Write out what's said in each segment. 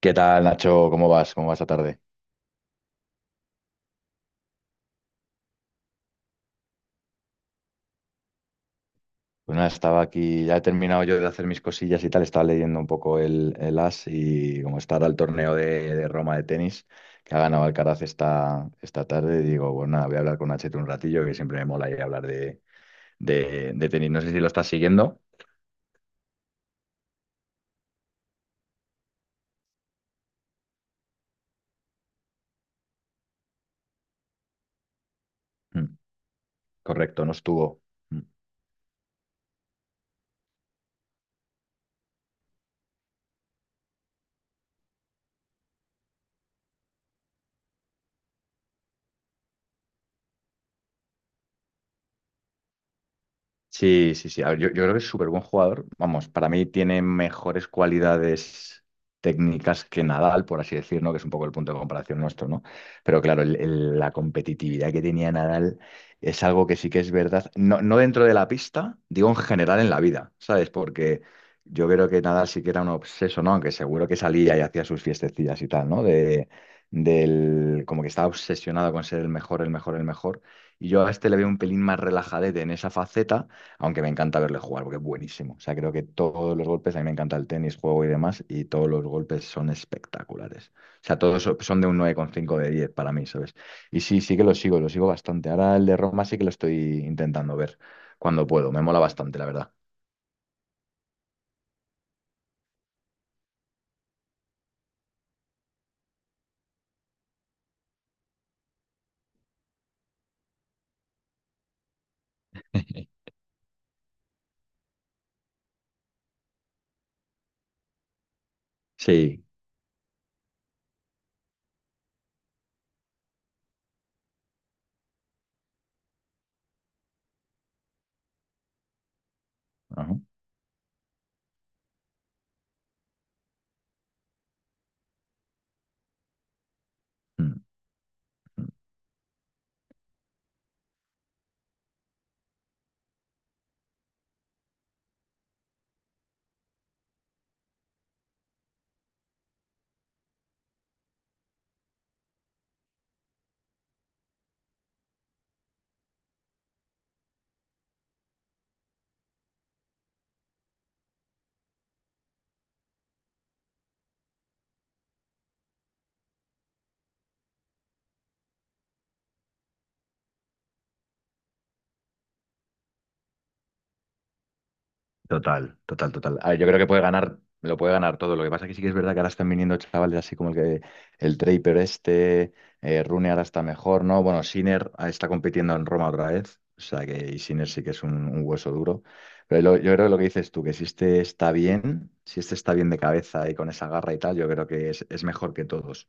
¿Qué tal, Nacho? ¿Cómo vas? ¿Cómo va esta tarde? Pues nada, estaba aquí, ya he terminado yo de hacer mis cosillas y tal, estaba leyendo un poco el As y como está ahora el torneo de Roma de tenis que ha ganado Alcaraz esta tarde, digo, bueno, nada, voy a hablar con Nachito un ratillo que siempre me mola ir a hablar de tenis. No sé si lo estás siguiendo. Mm, correcto, no estuvo. Mm. Sí, sí, sí. A ver, yo creo que es súper buen jugador. Vamos, para mí tiene mejores cualidades técnicas que Nadal, por así decirlo, que es un poco el punto de comparación nuestro, ¿no? Pero claro, la competitividad que tenía Nadal es algo que sí que es verdad. No, no dentro de la pista, digo en general en la vida, ¿sabes? Porque yo creo que Nadal sí que era un obseso, ¿no? Aunque seguro que salía y hacía sus fiestecillas y tal, ¿no? Como que estaba obsesionado con ser el mejor, el mejor, el mejor. Y yo a este le veo un pelín más relajadete en esa faceta. Aunque me encanta verle jugar porque es buenísimo. O sea, creo que todos los golpes, a mí me encanta el tenis, juego y demás, y todos los golpes son espectaculares. O sea, todos son de un 9,5 de 10 para mí, ¿sabes? Y sí, sí que lo sigo bastante. Ahora el de Roma sí que lo estoy intentando ver cuando puedo. Me mola bastante, la verdad. Sí. Ajá. Mm. Total, total, total. A ver, yo creo que puede ganar, lo puede ganar todo. Lo que pasa que sí que es verdad que ahora están viniendo chavales así como el Draper este, Rune ahora está mejor, ¿no? Bueno, Sinner está compitiendo en Roma otra vez. O sea que y Sinner sí que es un hueso duro. Pero yo creo que lo que dices tú, que si este está bien, si este está bien de cabeza y con esa garra y tal, yo creo que es mejor que todos.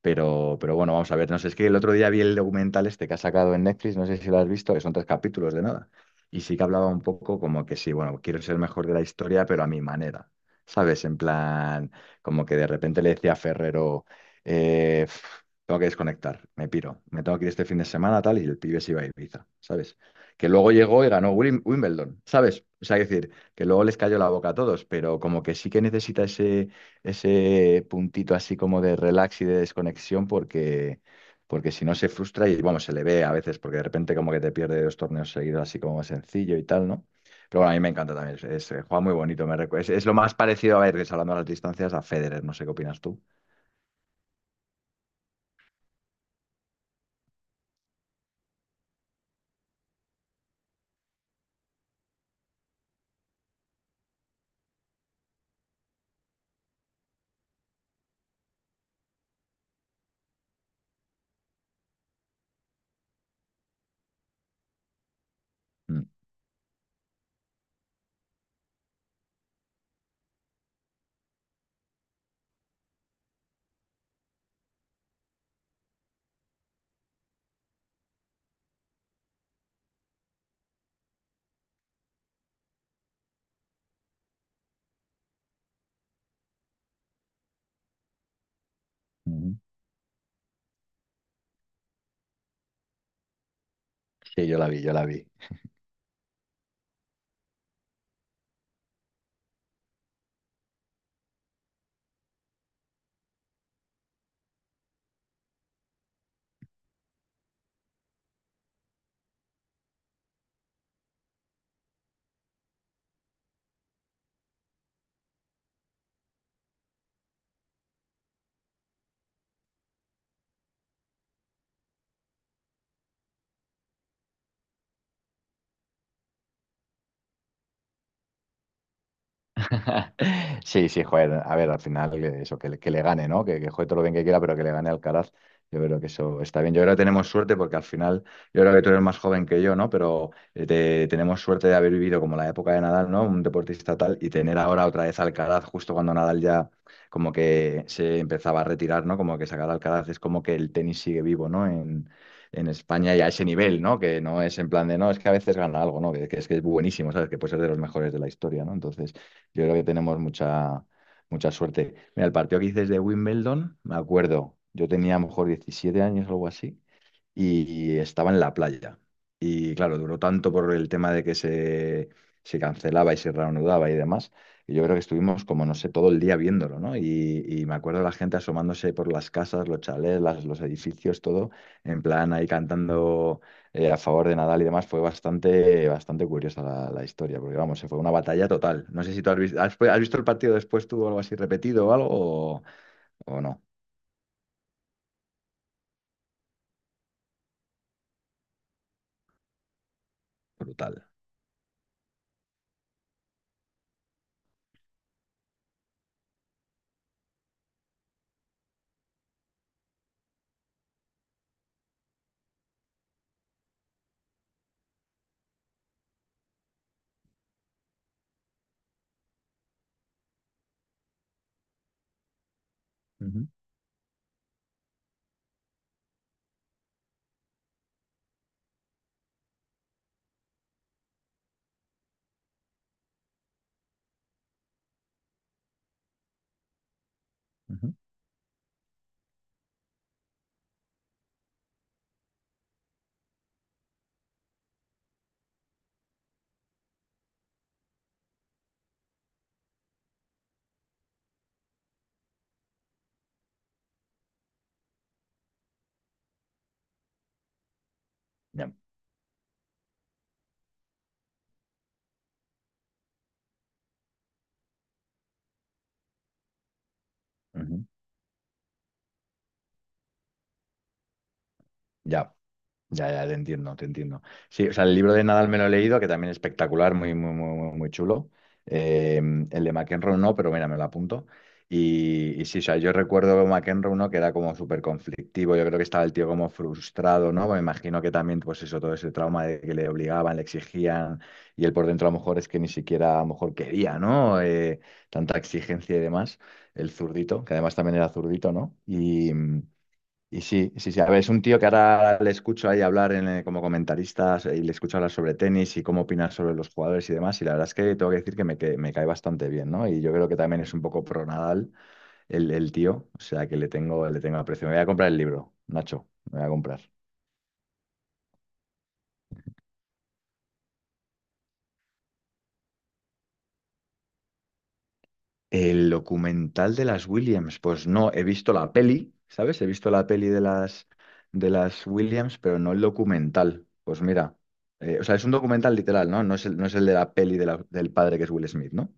Pero bueno, vamos a ver. No sé, es que el otro día vi el documental este que ha sacado en Netflix, no sé si lo has visto, que son tres capítulos de nada. Y sí que hablaba un poco como que sí, bueno, quiero ser el mejor de la historia, pero a mi manera. ¿Sabes? En plan, como que de repente le decía a Ferrero, eh, "Pf, tengo que desconectar, me piro, me tengo que ir este fin de semana, tal, y el pibe se iba a Ibiza, ¿sabes? Que luego llegó y ganó Wimbledon, ¿sabes? O sea, es decir, que luego les cayó la boca a todos, pero como que sí que necesita ese ese puntito así como de relax y de desconexión porque, porque si no se frustra y bueno, se le ve a veces porque de repente como que te pierde dos torneos seguidos así como sencillo y tal, ¿no? Pero bueno, a mí me encanta también, juega muy bonito, es lo más parecido a ver, que hablando de las distancias, a Federer, no sé qué opinas tú. Mm. Ujú. Sí, yo la vi, yo la vi. Sí, sí, joder, a ver, al final que eso, que le gane, ¿no? Que juegue todo lo bien que quiera, pero que le gane Alcaraz. Yo creo que eso está bien. Yo creo que tenemos suerte porque al final, yo creo que tú eres más joven que yo, ¿no? Pero tenemos suerte de haber vivido como la época de Nadal, ¿no? Un deportista tal y tener ahora otra vez a Alcaraz justo cuando Nadal ya como que se empezaba a retirar, ¿no? Como que sacar a Alcaraz es como que el tenis sigue vivo, ¿no? En España y a ese nivel, ¿no? Que no es en plan de, no, es que a veces gana algo, ¿no? Que es que es buenísimo, ¿sabes? Que puede ser de los mejores de la historia, ¿no? Entonces... Yo creo que tenemos mucha, mucha suerte. Mira, el partido que dices de Wimbledon, me acuerdo, yo tenía a lo mejor 17 años o algo así, y estaba en la playa. Y claro, duró tanto por el tema de que se cancelaba y se reanudaba y demás. Y yo creo que estuvimos como, no sé, todo el día viéndolo, ¿no? Y me acuerdo la gente asomándose por las casas, los chalés, los edificios, todo, en plan ahí cantando a favor de Nadal y demás. Fue bastante, bastante curiosa la historia, porque vamos, se fue una batalla total. No sé si tú has visto, has visto el partido después tú o algo así repetido o algo o no. Brutal. Ujú, ujú. Ya. Ujú. Ya. Ya, ya, te entiendo, te entiendo. Sí, o sea, el libro de Nadal me lo he leído, que también es espectacular, muy, muy, muy, muy muy chulo. Eh, el de McEnroe no, pero mira, me lo apunto. Y sí, o sea, yo recuerdo McEnroe no, que era como súper conflictivo, yo creo que estaba el tío como frustrado, ¿no? Me imagino que también, pues eso, todo ese trauma de que le obligaban, le exigían, y él por dentro a lo mejor es que ni siquiera a lo mejor quería, ¿no? Tanta exigencia y demás, el zurdito, que además también era zurdito, ¿no? Y sí, sí, sí. A ver, es un tío que ahora le escucho ahí hablar como comentarista y le escucho hablar sobre tenis y cómo opinar sobre los jugadores y demás. Y la verdad es que tengo que decir que me cae bastante bien, ¿no? Y yo creo que también es un poco pro Nadal el tío. O sea que le tengo aprecio. Me voy a comprar el libro, Nacho. Me voy a comprar. El documental de las Williams, pues no, he visto la peli, ¿sabes? He visto la peli de las Williams, pero no el documental. Pues mira, o sea, es un documental literal, ¿no? No es el de la peli de del padre que es Will Smith, ¿no?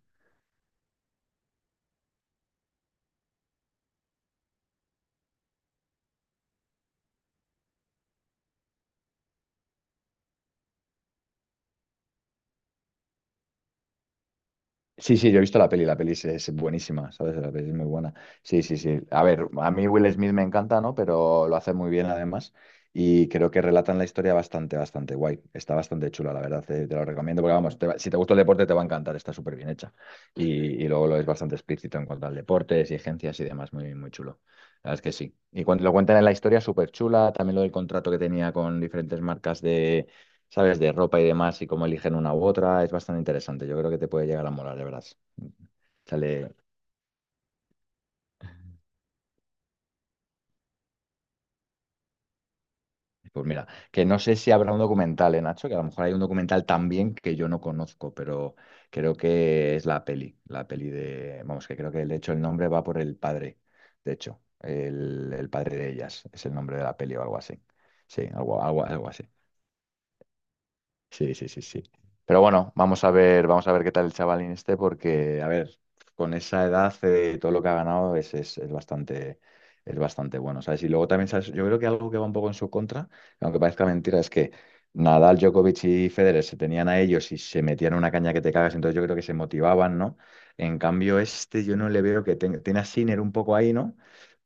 Sí, sí, yo he visto la peli es buenísima, ¿sabes? La peli es muy buena. Sí, sí, sí. A ver, a mí Will Smith me encanta, ¿no? Pero lo hace muy bien además y creo que relatan la historia bastante, bastante guay. Está bastante chula, la verdad, te lo recomiendo porque vamos, si te gusta el deporte te va a encantar, está súper bien hecha. Y, y luego lo es bastante explícito en cuanto al deporte, exigencias y demás, muy, muy chulo. La verdad es que sí. Y cuando lo cuentan en la historia, súper chula, también lo del contrato que tenía con diferentes marcas sabes, de ropa y demás y cómo eligen una u otra, es bastante interesante. Yo creo que te puede llegar a molar, de verdad. Sale, pues mira, que no sé si habrá un documental, ¿eh, Nacho? Que a lo mejor hay un documental también que yo no conozco, pero creo que es vamos, que creo que de hecho el nombre va por el padre, de hecho, el padre de ellas, es el nombre de la peli o algo así. Sí, algo, algo, algo así. Sí, sí, sí, sí. Pero bueno, vamos a ver qué tal el chavalín este, porque, a ver, con esa edad, todo lo que ha ganado es bastante bueno, ¿sabes? Y luego también, ¿sabes? Yo creo que algo que va un poco en su contra, aunque parezca mentira, es que Nadal, Djokovic y Federer se tenían a ellos y se metían una caña que te cagas, entonces yo creo que se motivaban, ¿no? En cambio, este yo no le veo que tiene a Sinner un poco ahí, ¿no?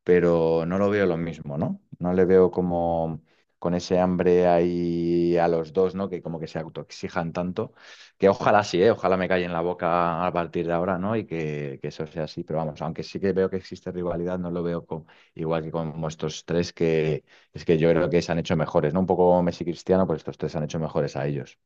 Pero no lo veo lo mismo, ¿no? No le veo como con ese hambre ahí a los dos, ¿no? Que como que se autoexijan tanto, que ojalá sí, ¿eh? Ojalá me calle en la boca a partir de ahora, ¿no? Y que eso sea así, pero vamos, aunque sí que veo que existe rivalidad, no lo veo igual que con estos tres, que es que yo creo que se han hecho mejores, ¿no? Un poco Messi y Cristiano, pues estos tres se han hecho mejores a ellos.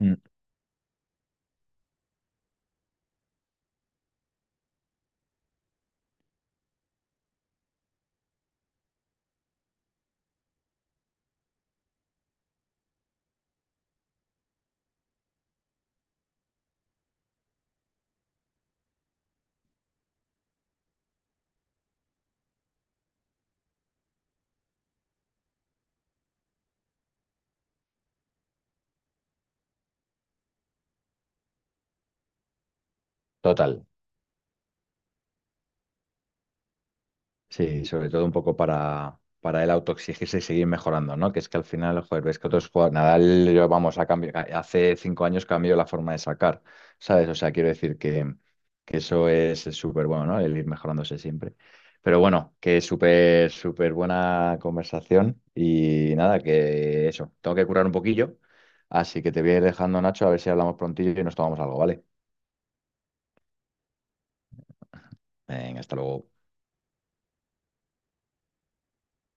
Mm. Total. Sí, sobre todo un poco para él autoexigirse y seguir mejorando, ¿no? Que es que al final, joder, ves que otros jugadores, Nadal, yo, vamos, a cambio, hace 5 años cambió la forma de sacar, ¿sabes? O sea, quiero decir que eso es súper bueno, ¿no? El ir mejorándose siempre. Pero bueno, que es súper, súper buena conversación y nada, que eso, tengo que curar un poquillo, así que te voy a ir dejando, Nacho, a ver si hablamos prontillo y nos tomamos algo, ¿vale? Venga, hasta luego.